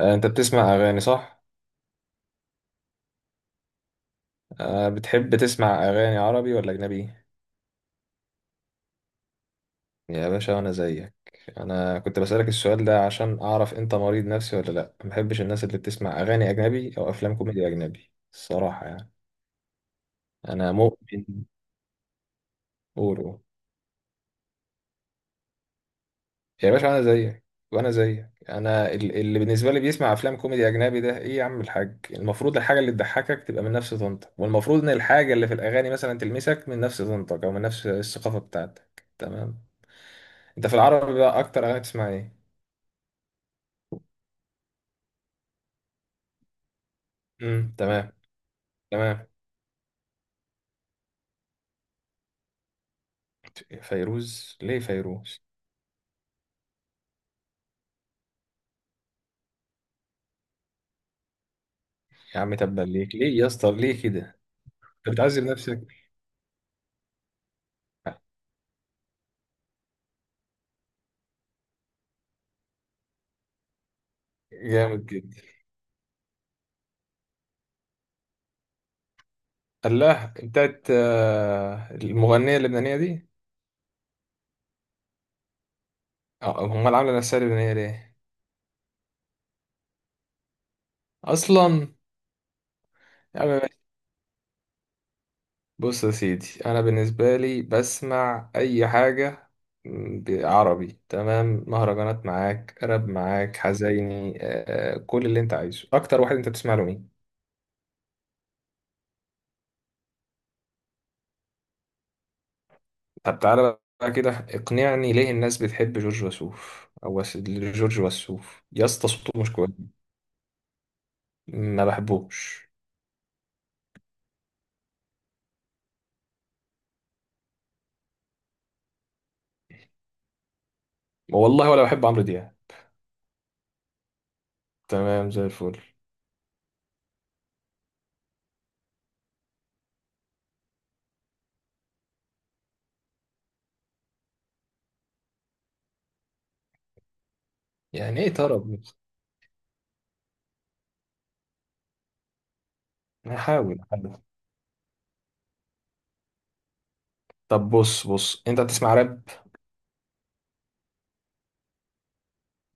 آه، انت بتسمع اغاني صح؟ آه، بتحب تسمع اغاني عربي ولا اجنبي؟ يا باشا انا زيك. انا كنت بسألك السؤال ده عشان اعرف انت مريض نفسي ولا لا، ما بحبش الناس اللي بتسمع اغاني اجنبي او افلام كوميدي اجنبي الصراحة يعني. انا مؤمن. قولوا. يا باشا انا زيك. وانا زيك، انا اللي بالنسبه لي بيسمع افلام كوميدي اجنبي ده ايه يا عم الحاج؟ المفروض الحاجه اللي تضحكك تبقى من نفس طنطك، والمفروض ان الحاجه اللي في الاغاني مثلا تلمسك من نفس طنطك او من نفس الثقافه بتاعتك. تمام. انت في العربي بقى اكتر اغاني تسمع ايه؟ تمام. تمام. فيروز؟ ليه فيروز؟ يا عم تبا ليك، ليه يا اسطى ليه كده؟ انت بتعذب نفسك. جامد جدا. الله، بتاعت المغنيه اللبنانيه دي. اه، هم اللي عامله نفسها لبنانيه ليه؟ اصلا. يا عم ماشي. بص يا سيدي، انا بالنسبه لي بسمع اي حاجه عربي. تمام، مهرجانات معاك، راب معاك، حزيني، كل اللي انت عايزه. اكتر واحد انت بتسمع له مين؟ طب تعالى بقى كده اقنعني، ليه الناس بتحب جورج وسوف؟ جورج وسوف يا اسطى صوته مش كويس. ما بحبوش. والله ولا بحب عمرو دياب. تمام زي الفل. يعني ايه طرب؟ هحاول احاول. طب بص بص، انت بتسمع راب؟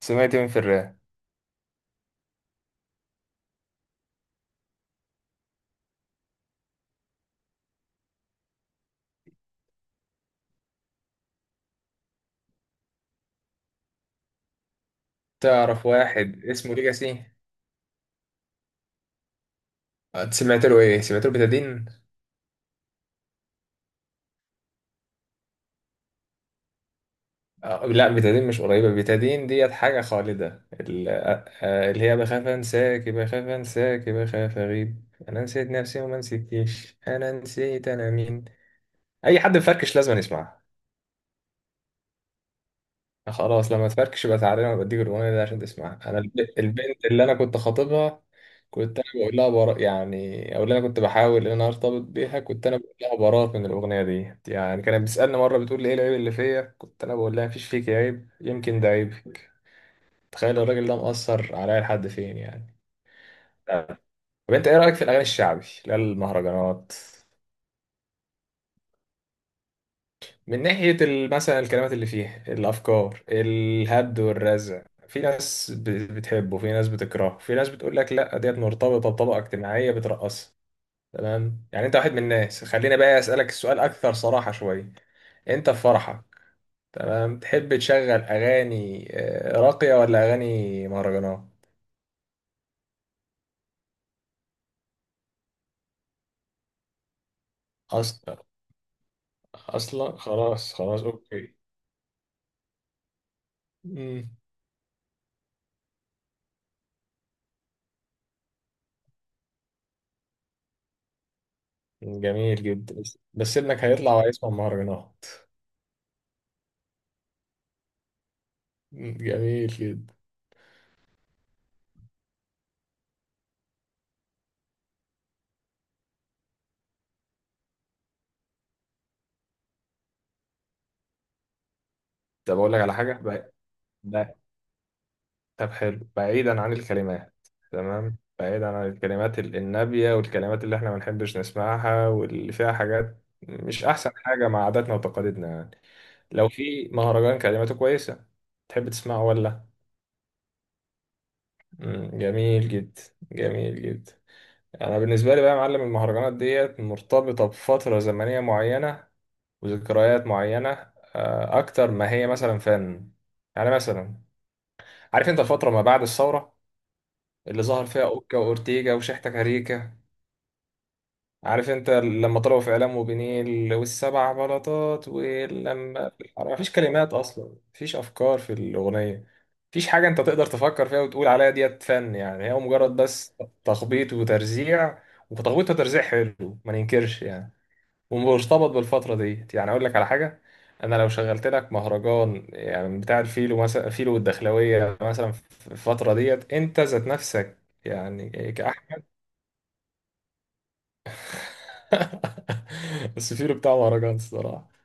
سمعت مين في الراب؟ تعرف واحد اسمه ليجاسي؟ آه، سمعت له ايه؟ سمعت له بتادين؟ آه، لا، بتادين مش قريبة، بتادين ديت حاجة خالدة، اللي هي بخاف انساك بخاف انساك بخاف اغيب، انا نسيت نفسي وما نسيتكيش، انا نسيت انا مين. اي حد مفركش لازم يسمعها. خلاص، لما تفركش يبقى تعالى انا بديك الاغنية دي عشان تسمعها. انا البنت اللي انا كنت خاطبها، كنت انا بقول لها برا يعني، او اللي انا كنت بحاول ان انا ارتبط بيها كنت انا بقول لها براء من الاغنيه دي يعني. كانت بتسالني مره بتقول لي، ايه العيب اللي فيا؟ كنت انا بقول لها، مفيش فيك عيب، يمكن ده عيب. تخيل الراجل ده مأثر عليا لحد فين يعني. طب انت ايه رأيك في الاغاني الشعبي، لا المهرجانات؟ من ناحية مثلا الكلمات اللي فيها، الافكار، الهد والرزع. في ناس بتحبه، في ناس بتكرهه، في ناس بتقول لك لا ديت مرتبطة بطبقة اجتماعية بترقصها. تمام، يعني انت واحد من الناس. خليني بقى اسألك السؤال اكثر صراحة شوية، انت في فرحك، تمام، تحب تشغل اغاني راقية ولا اغاني مهرجانات؟ اصلا. اصلا خلاص خلاص اوكي. مم. جميل جدا، بس بس ابنك هيطلع وهيسمع مهرجانات. جميل جدا. طب اقول لك على حاجه بع- طب حلو، بعيدا عن الكلمات، تمام، بعيدا عن الكلمات النابيه والكلمات اللي احنا ما بنحبش نسمعها واللي فيها حاجات مش احسن حاجه مع عاداتنا وتقاليدنا يعني، لو في مهرجان كلماته كويسه تحب تسمعه ولا؟ مم، جميل جدا. جميل جدا. انا بالنسبه لي بقى يا معلم، المهرجانات ديت مرتبطه بفتره زمنيه معينه وذكريات معينه، اكتر ما هي مثلا فن. يعني مثلا، عارف انت الفتره ما بعد الثوره اللي ظهر فيها اوكا واورتيجا وشحتة كاريكا، عارف انت لما طلعوا في اعلام وبنيل والسبع بلاطات ولما، مفيش كلمات اصلا، مفيش افكار في الاغنيه، مفيش حاجه انت تقدر تفكر فيها وتقول عليها ديت فن يعني، هي مجرد بس تخبيط وترزيع. وتخبيط وترزيع حلو ما ننكرش يعني، ومرتبط بالفتره ديت. يعني اقول لك على حاجه، انا لو شغلت لك مهرجان يعني بتاع الفيلو مثلا، فيلو والدخلاويه مثلا، في الفتره ديت انت ذات نفسك يعني، السفير بتاع مهرجان الصراحة.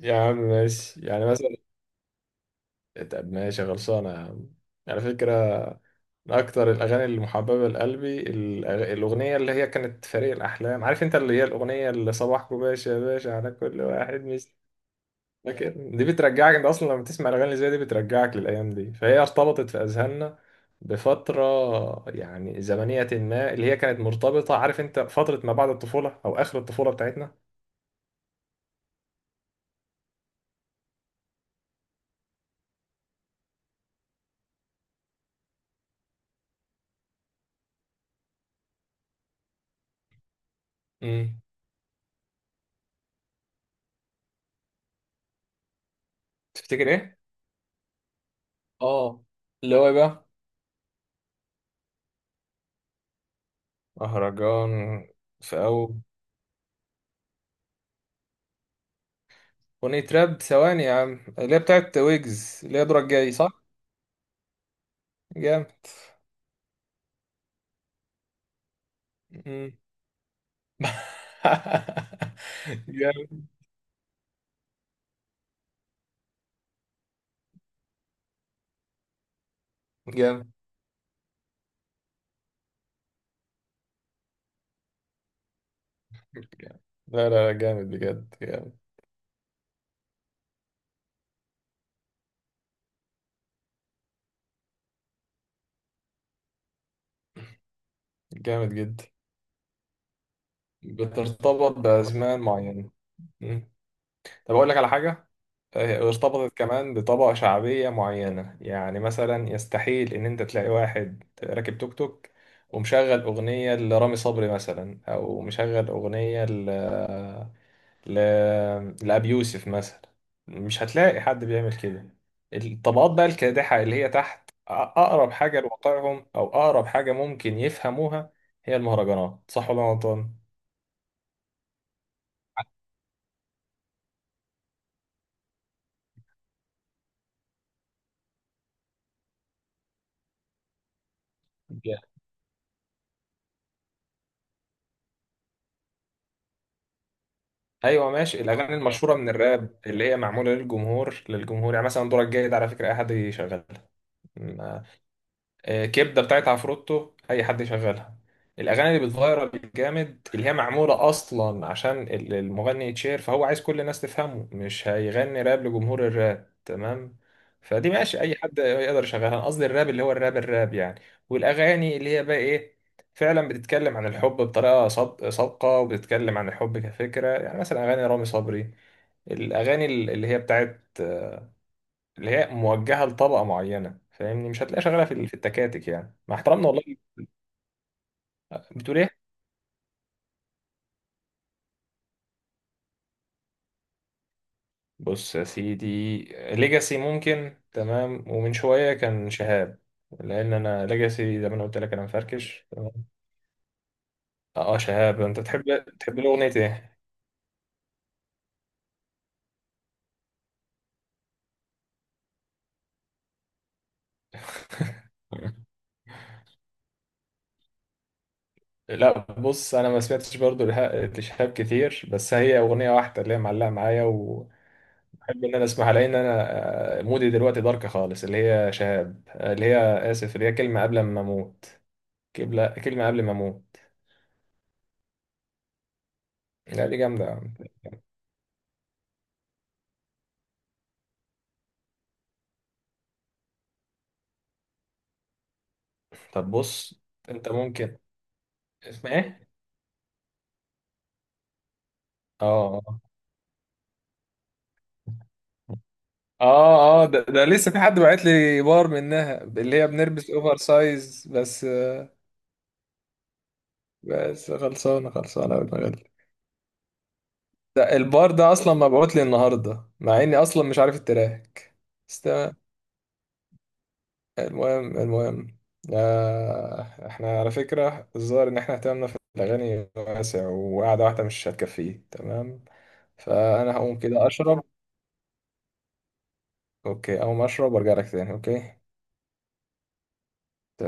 يا عم ماشي، يعني مثلا. طب ماشي خلصانة يا عم. على فكرة، من أكتر الأغاني المحببة لقلبي الأغنية اللي هي كانت فريق الأحلام، عارف أنت، اللي هي الأغنية اللي صباحكم باشا يا باشا على كل واحد، مش فاكر؟ دي بترجعك أنت أصلا، لما تسمع الأغاني اللي زي دي بترجعك للأيام دي، فهي ارتبطت في أذهاننا بفترة يعني زمنية ما، اللي هي كانت مرتبطة، عارف أنت، فترة ما بعد الطفولة أو آخر الطفولة بتاعتنا. امم تفتكر إيه؟ اه، اللي هو إيه بقى؟ مهرجان؟ في أول أغنية راب، ثواني يا عم، اللي هي بتاعت ويجز، اللي هي دورك جاي، صح؟ جامد. مم. جامد جامد. لا لا، جامد بجد، جامد. جامد جدا. بترتبط بأزمان معينة. طب أقول لك على حاجة، ارتبطت كمان بطبقة شعبية معينة، يعني مثلا يستحيل إن أنت تلاقي واحد راكب توك توك ومشغل أغنية لرامي صبري مثلا، أو مشغل أغنية ل... لأبي يوسف مثلا، مش هتلاقي حد بيعمل كده. الطبقات بقى الكادحة، اللي هي تحت، أقرب حاجة لواقعهم أو أقرب حاجة ممكن يفهموها هي المهرجانات، صح ولا أنا غلطان؟ ايوه ماشي، الاغاني المشهوره من الراب اللي هي معموله للجمهور للجمهور يعني، مثلا دورك جاي ده على فكره اي حد يشغلها، كبده بتاعت عفروتو اي حد يشغلها. الاغاني اللي بتفيرال جامد، اللي هي معموله اصلا عشان المغني يتشير، فهو عايز كل الناس تفهمه، مش هيغني راب لجمهور الراب، تمام؟ فدي ماشي اي حد يقدر يشغلها. انا قصدي الراب اللي هو الراب الراب يعني، والاغاني اللي هي بقى ايه، فعلا بتتكلم عن الحب بطريقه صادقه، وبتتكلم عن الحب كفكره، يعني مثلا اغاني رامي صبري، الاغاني اللي هي بتاعت، اللي هي موجهه لطبقه معينه، فاهمني؟ مش هتلاقيها شغاله في التكاتك يعني، مع احترامنا والله. بتقول ايه؟ بص يا سيدي، ليجاسي ممكن، تمام، ومن شويه كان شهاب، لان انا ليجاسي زي ما انا قلت لك انا مفركش، تمام. اه، شهاب انت تحب. تحب له اغنيه ايه؟ لا بص، انا ما سمعتش برضو لشهاب كتير، بس هي اغنيه واحده اللي هي معلقه معايا وبحب ان انا اسمعها، لان انا مودي دلوقتي دارك خالص، اللي هي شهاب، اللي هي اسف، اللي هي كلمه قبل ما اموت، كلمه قبل ما اموت. لا دي جامده يا عم. طب بص، انت ممكن، اسمها ايه؟ اه اه اه، ده لسه في حد بعت لي بار منها اللي هي بنلبس اوفر سايز بس. بس خلصانه خلصانه أوي دماغي. ده البار ده اصلا مبعوت لي النهارده، مع اني اصلا مش عارف التراك. بس تمام. المهم المهم، آه، احنا على فكره الظاهر ان احنا اهتمامنا في الاغاني واسع، وقعده واحده مش هتكفيه، تمام. فانا هقوم كده اشرب. اوكي، اقوم اشرب وارجع لك تاني، اوكي.